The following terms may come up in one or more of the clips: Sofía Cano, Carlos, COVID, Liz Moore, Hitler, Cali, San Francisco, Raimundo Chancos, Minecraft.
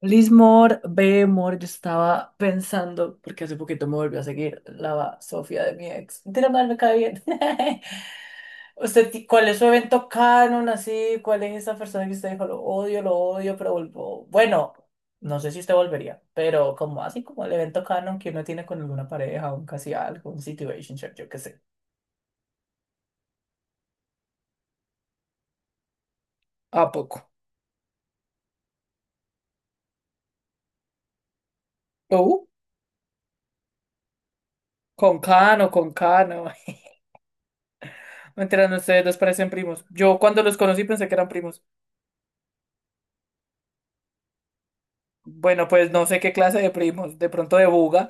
Liz Moore, B. Moore, yo estaba pensando, porque hace poquito me volvió a seguir la Sofía de mi ex. Mentira, mal me cae bien. ¿Usted, cuál es su evento canon así? ¿Cuál es esa persona que usted dijo, lo odio, pero vuelvo? Bueno, no sé si usted volvería, pero como así como el evento canon que uno tiene con alguna pareja, un casi algo, un situationship, yo qué sé. ¿A poco? ¿Tú? Con Cano, con Cano. Mentira, no, ustedes dos parecen primos. Yo cuando los conocí pensé que eran primos. Bueno, pues no sé qué clase de primos, de pronto de buga.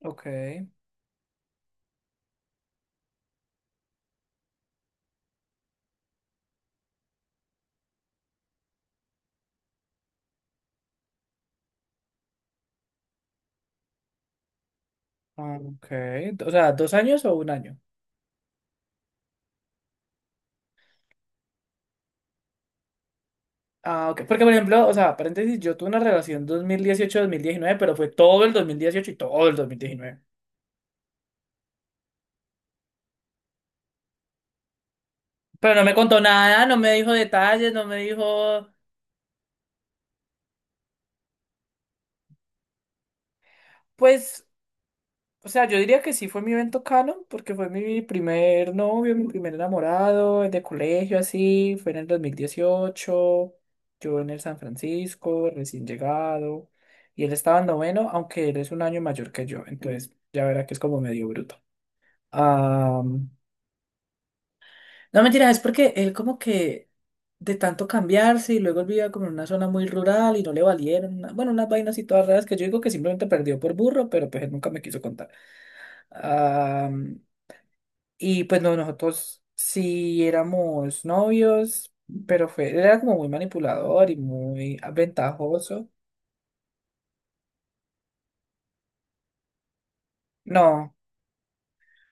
Ok. Ok. O sea, ¿dos años o un año? Ah, ok. Porque, por ejemplo, o sea, paréntesis, yo tuve una relación dos mil dieciocho mil diecinueve, pero fue todo el 2018 y todo el 2019. Pero no me contó nada, no me dijo detalles, no me dijo, pues. O sea, yo diría que sí fue mi evento canon, porque fue mi primer novio, mi primer enamorado, de colegio, así. Fue en el 2018. Yo en el San Francisco, recién llegado. Y él estaba en noveno, aunque él es un año mayor que yo. Entonces, ya verá que es como medio bruto. Ah, no, mentira, es porque él como que de tanto cambiarse y luego él vivía como en una zona muy rural y no le valieron, bueno, unas vainas y todas raras que yo digo que simplemente perdió por burro, pero pues él nunca me quiso contar. Ah, y pues no, nosotros sí éramos novios, pero fue, él era como muy manipulador y muy ventajoso. No,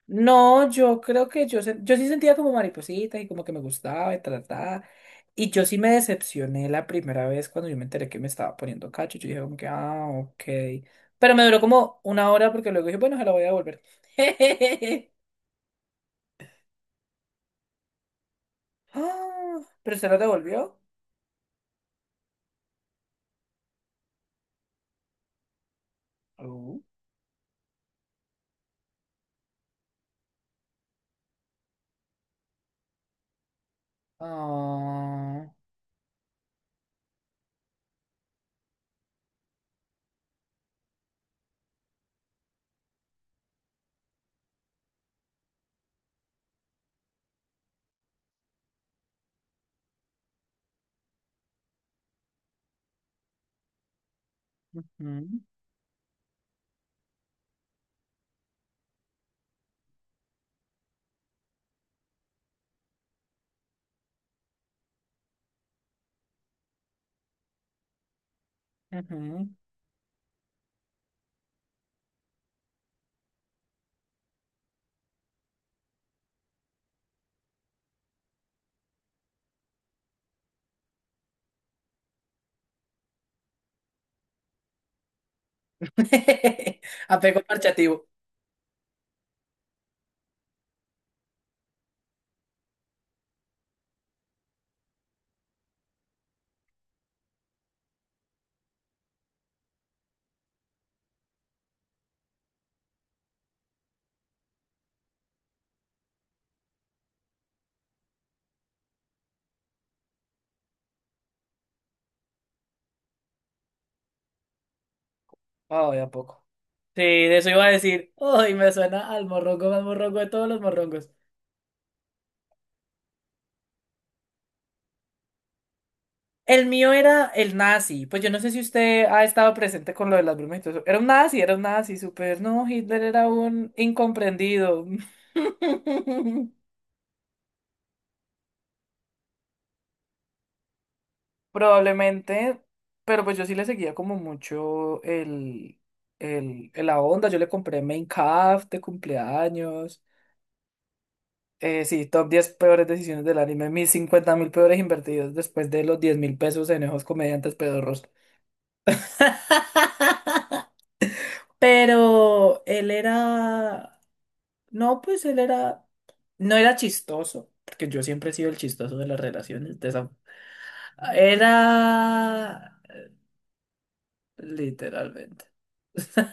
no, yo creo que yo sí sentía como mariposita y como que me gustaba y trataba. Y yo sí me decepcioné la primera vez cuando yo me enteré que me estaba poniendo cacho. Yo dije como que, ah, ok. Pero me duró como una hora porque luego dije, bueno, se la voy a devolver. Ah. ¿Pero se la devolvió? Oh. Ah, ujú, ujú. Apego marchativo. Ay, ¿a poco? Sí, de eso iba a decir. Ay, me suena al morrongo más morrongo de todos los morrongos. El mío era el nazi. Pues yo no sé si usted ha estado presente con lo de las brumas y todo eso. Era un nazi, súper. No, Hitler era un incomprendido. Probablemente. Pero pues yo sí le seguía como mucho el, la onda. Yo le compré Minecraft de cumpleaños. Sí, top 10 peores decisiones del anime. Mis 50.000 peores invertidos después de los 10.000 pesos en esos comediantes pedorros. Pero él era. No, pues él era. No era chistoso, porque yo siempre he sido el chistoso de las relaciones de esa. Era. Literalmente.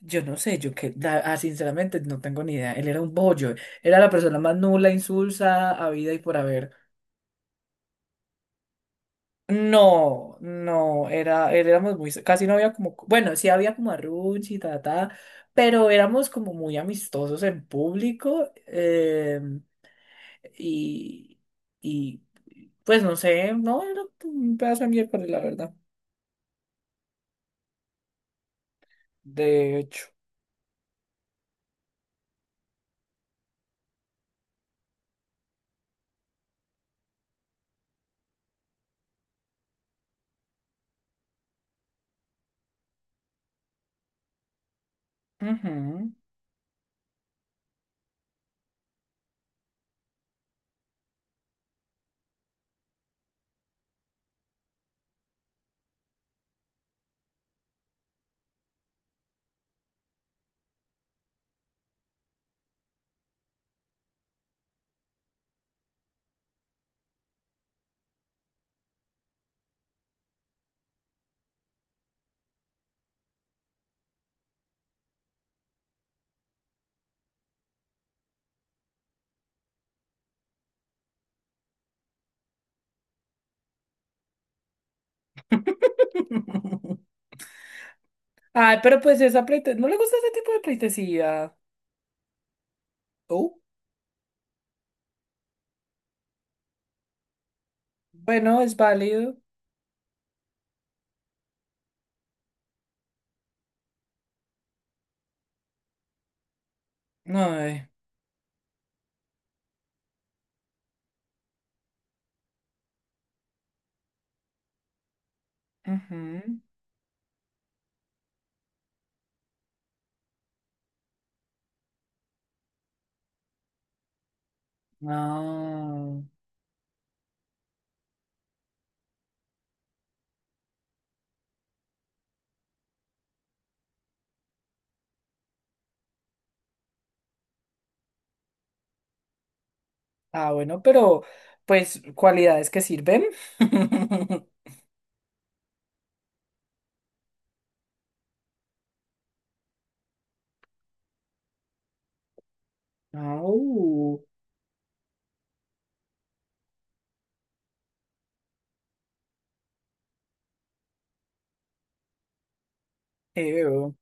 Yo no sé, yo que, sinceramente, no tengo ni idea. Él era un bollo. Era la persona más nula, insulsa, habida y por haber. No, no, era, éramos muy, casi no había como, bueno, sí había como arruchi, ta, ta, pero éramos como muy amistosos en público, y, y pues no sé, no, era un pedazo de miércoles, la verdad, de hecho. Ujú. Ay, pero pues esa pleite, ¿no le gusta ese tipo de pleitesía? Oh, bueno, es válido. No, ujú. No. Ah, bueno, pero pues cualidades que sirven. Ah, ew.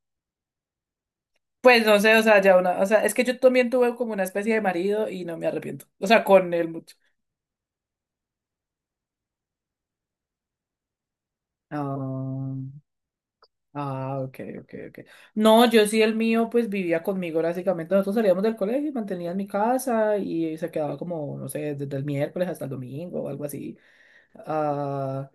Pues no sé, o sea, ya una, o sea, es que yo también tuve como una especie de marido y no me arrepiento. O sea, con él mucho. Ah, ah, ok, ok, ok. No, yo sí, el mío, pues vivía conmigo básicamente. Nosotros salíamos del colegio y mantenía en mi casa y se quedaba como, no sé, desde el miércoles hasta el domingo o algo así. ah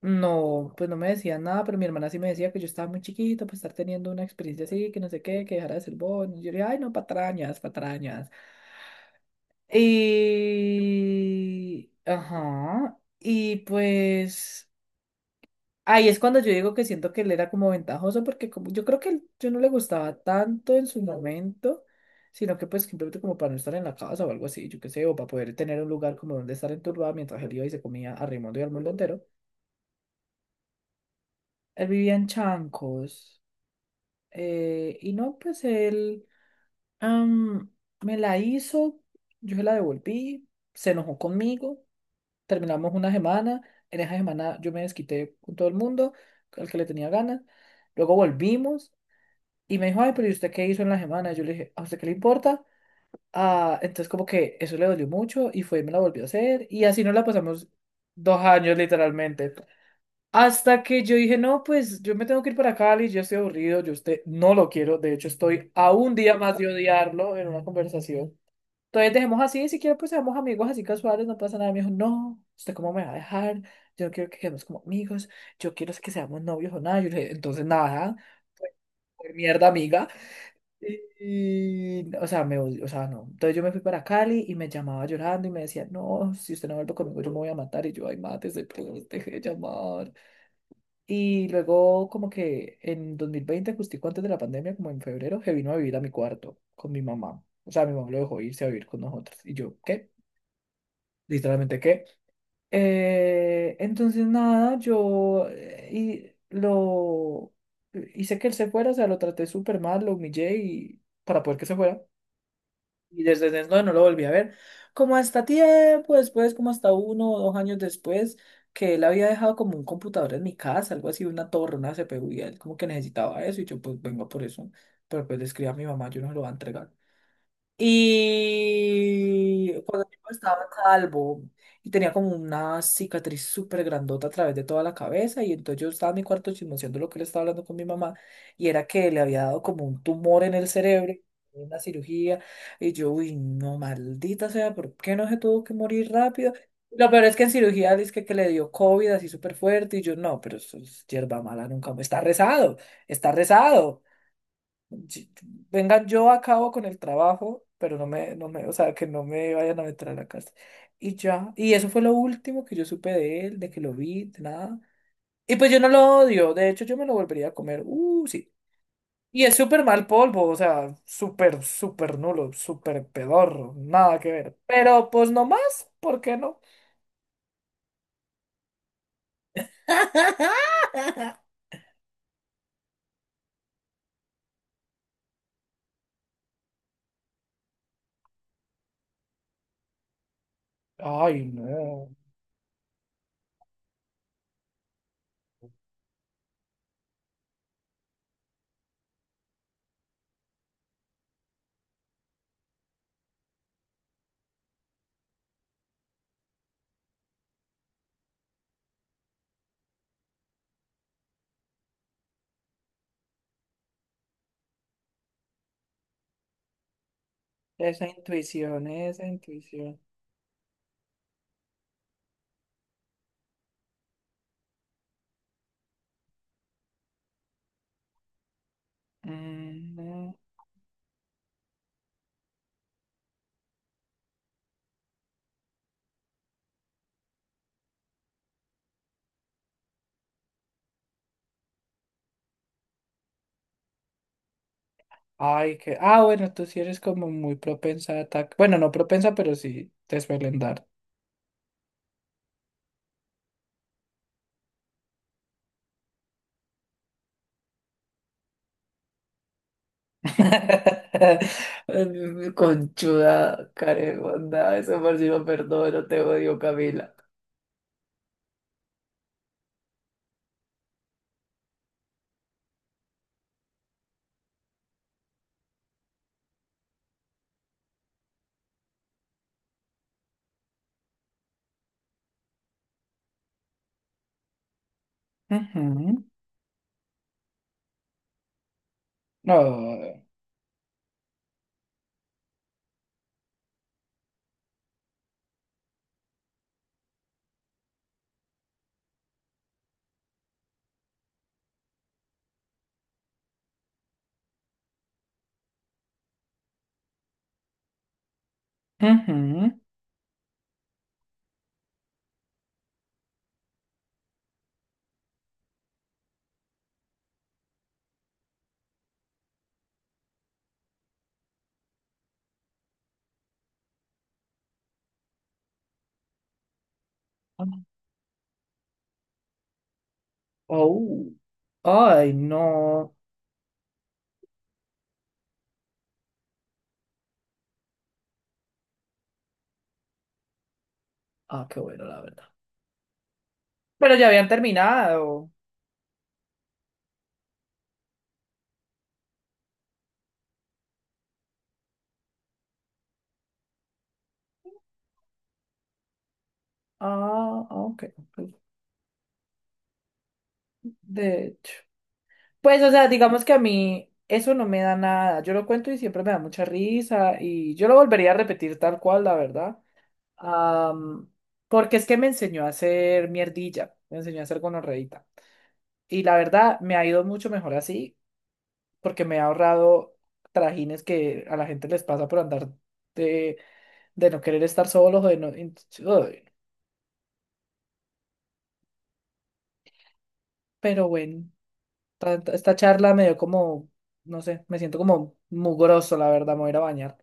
No, pues no me decían nada, pero mi hermana sí me decía que yo estaba muy chiquito, pues estar teniendo una experiencia así, que no sé qué, que dejara de ser bon. Y yo le dije, ay, no, patrañas, patrañas. Y. Ajá. Y pues. Ahí es cuando yo digo que siento que él era como ventajoso, porque como, yo creo que yo no le gustaba tanto en su momento, sino que pues simplemente como para no estar en la casa o algo así, yo qué sé, o para poder tener un lugar como donde estar enturbado mientras él iba y se comía a Raimundo y al mundo entero. Él vivía en Chancos. Y no, pues él am, me la hizo, yo se la devolví, se enojó conmigo, terminamos una semana, en esa semana yo me desquité con todo el mundo, al que le tenía ganas, luego volvimos y me dijo, ay, pero ¿y usted qué hizo en la semana? Yo le dije, ¿a usted qué le importa? Ah, entonces como que eso le dolió mucho y fue y me la volvió a hacer y así nos la pasamos 2 años literalmente. Hasta que yo dije, no, pues yo me tengo que ir para Cali, yo estoy aburrido, yo usted no lo quiero, de hecho estoy a un día más de odiarlo en una conversación. Entonces dejemos así, si quiero pues seamos amigos así casuales, no pasa nada. Me dijo, no, ¿usted cómo me va a dejar? Yo no quiero que quedemos como amigos, yo quiero es que seamos novios o nada. Yo le dije, entonces nada, pues, pues, mierda amiga. Y, o sea, me odió, o sea, no. Entonces yo me fui para Cali y me llamaba llorando y me decía, no, si usted no vuelve conmigo, yo me voy a matar. Y yo, ay, mate, se deje de llamar. Y luego, como que en 2020 justico antes de la pandemia, como en febrero, se vino a vivir a mi cuarto con mi mamá. O sea, mi mamá lo dejó irse a vivir con nosotros. Y yo, ¿qué? Literalmente, ¿qué? Entonces, nada, yo y lo hice que él se fuera, o sea, lo traté súper mal, lo humillé y para poder que se fuera. Y desde entonces no, no lo volví a ver. Como hasta tiempo después, como hasta 1 o 2 años después, que él había dejado como un computador en mi casa, algo así, una torre, una CPU, y él como que necesitaba eso, y yo pues vengo por eso. Pero pues le escribí a mi mamá, yo no se lo voy a entregar. Y cuando el tipo estaba calvo y tenía como una cicatriz súper grandota a través de toda la cabeza, y entonces yo estaba en mi cuarto chismoseando lo que le estaba hablando con mi mamá, y era que le había dado como un tumor en el cerebro, una cirugía, y yo, uy, no, maldita sea, ¿por qué no se tuvo que morir rápido? Lo peor es que en cirugía dice que, le dio COVID así súper fuerte, y yo, no, pero eso es hierba mala, nunca, está rezado, está rezado, sí, venga yo a cabo con el trabajo, pero no me, no me, o sea, que no me vayan a meter a la cárcel. Y ya, y eso fue lo último que yo supe de él, de que lo vi, de nada. Y pues yo no lo odio, de hecho yo me lo volvería a comer, sí. Y es súper mal polvo, o sea, súper, súper nulo, súper pedorro, nada que ver. Pero pues no más, ¿por qué no? Ay, no. Esa intuición, esa intuición. Mm. Ay, que. Ah, bueno, tú sí eres como muy propensa a ataque. Bueno, no propensa, pero sí te suelen dar. Conchuda, carebonda, eso por si lo perdono, te odio, Camila. Ujú. No. Ujú. Oh. Ay, no. Ah, qué bueno, la verdad. Pero ya habían terminado. Ah, ok. Ok. De hecho. Pues, o sea, digamos que a mí eso no me da nada. Yo lo cuento y siempre me da mucha risa y yo lo volvería a repetir tal cual, la verdad. Am, Porque es que me enseñó a hacer mierdilla, me enseñó a hacer gonorreíta. Y la verdad me ha ido mucho mejor así porque me ha ahorrado trajines que a la gente les pasa por andar de, de no querer estar solos o de no. Uy, pero bueno, esta charla me dio como, no sé, me siento como mugroso, la verdad, me voy a ir a bañar.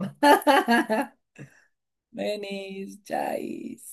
Venis, Chais.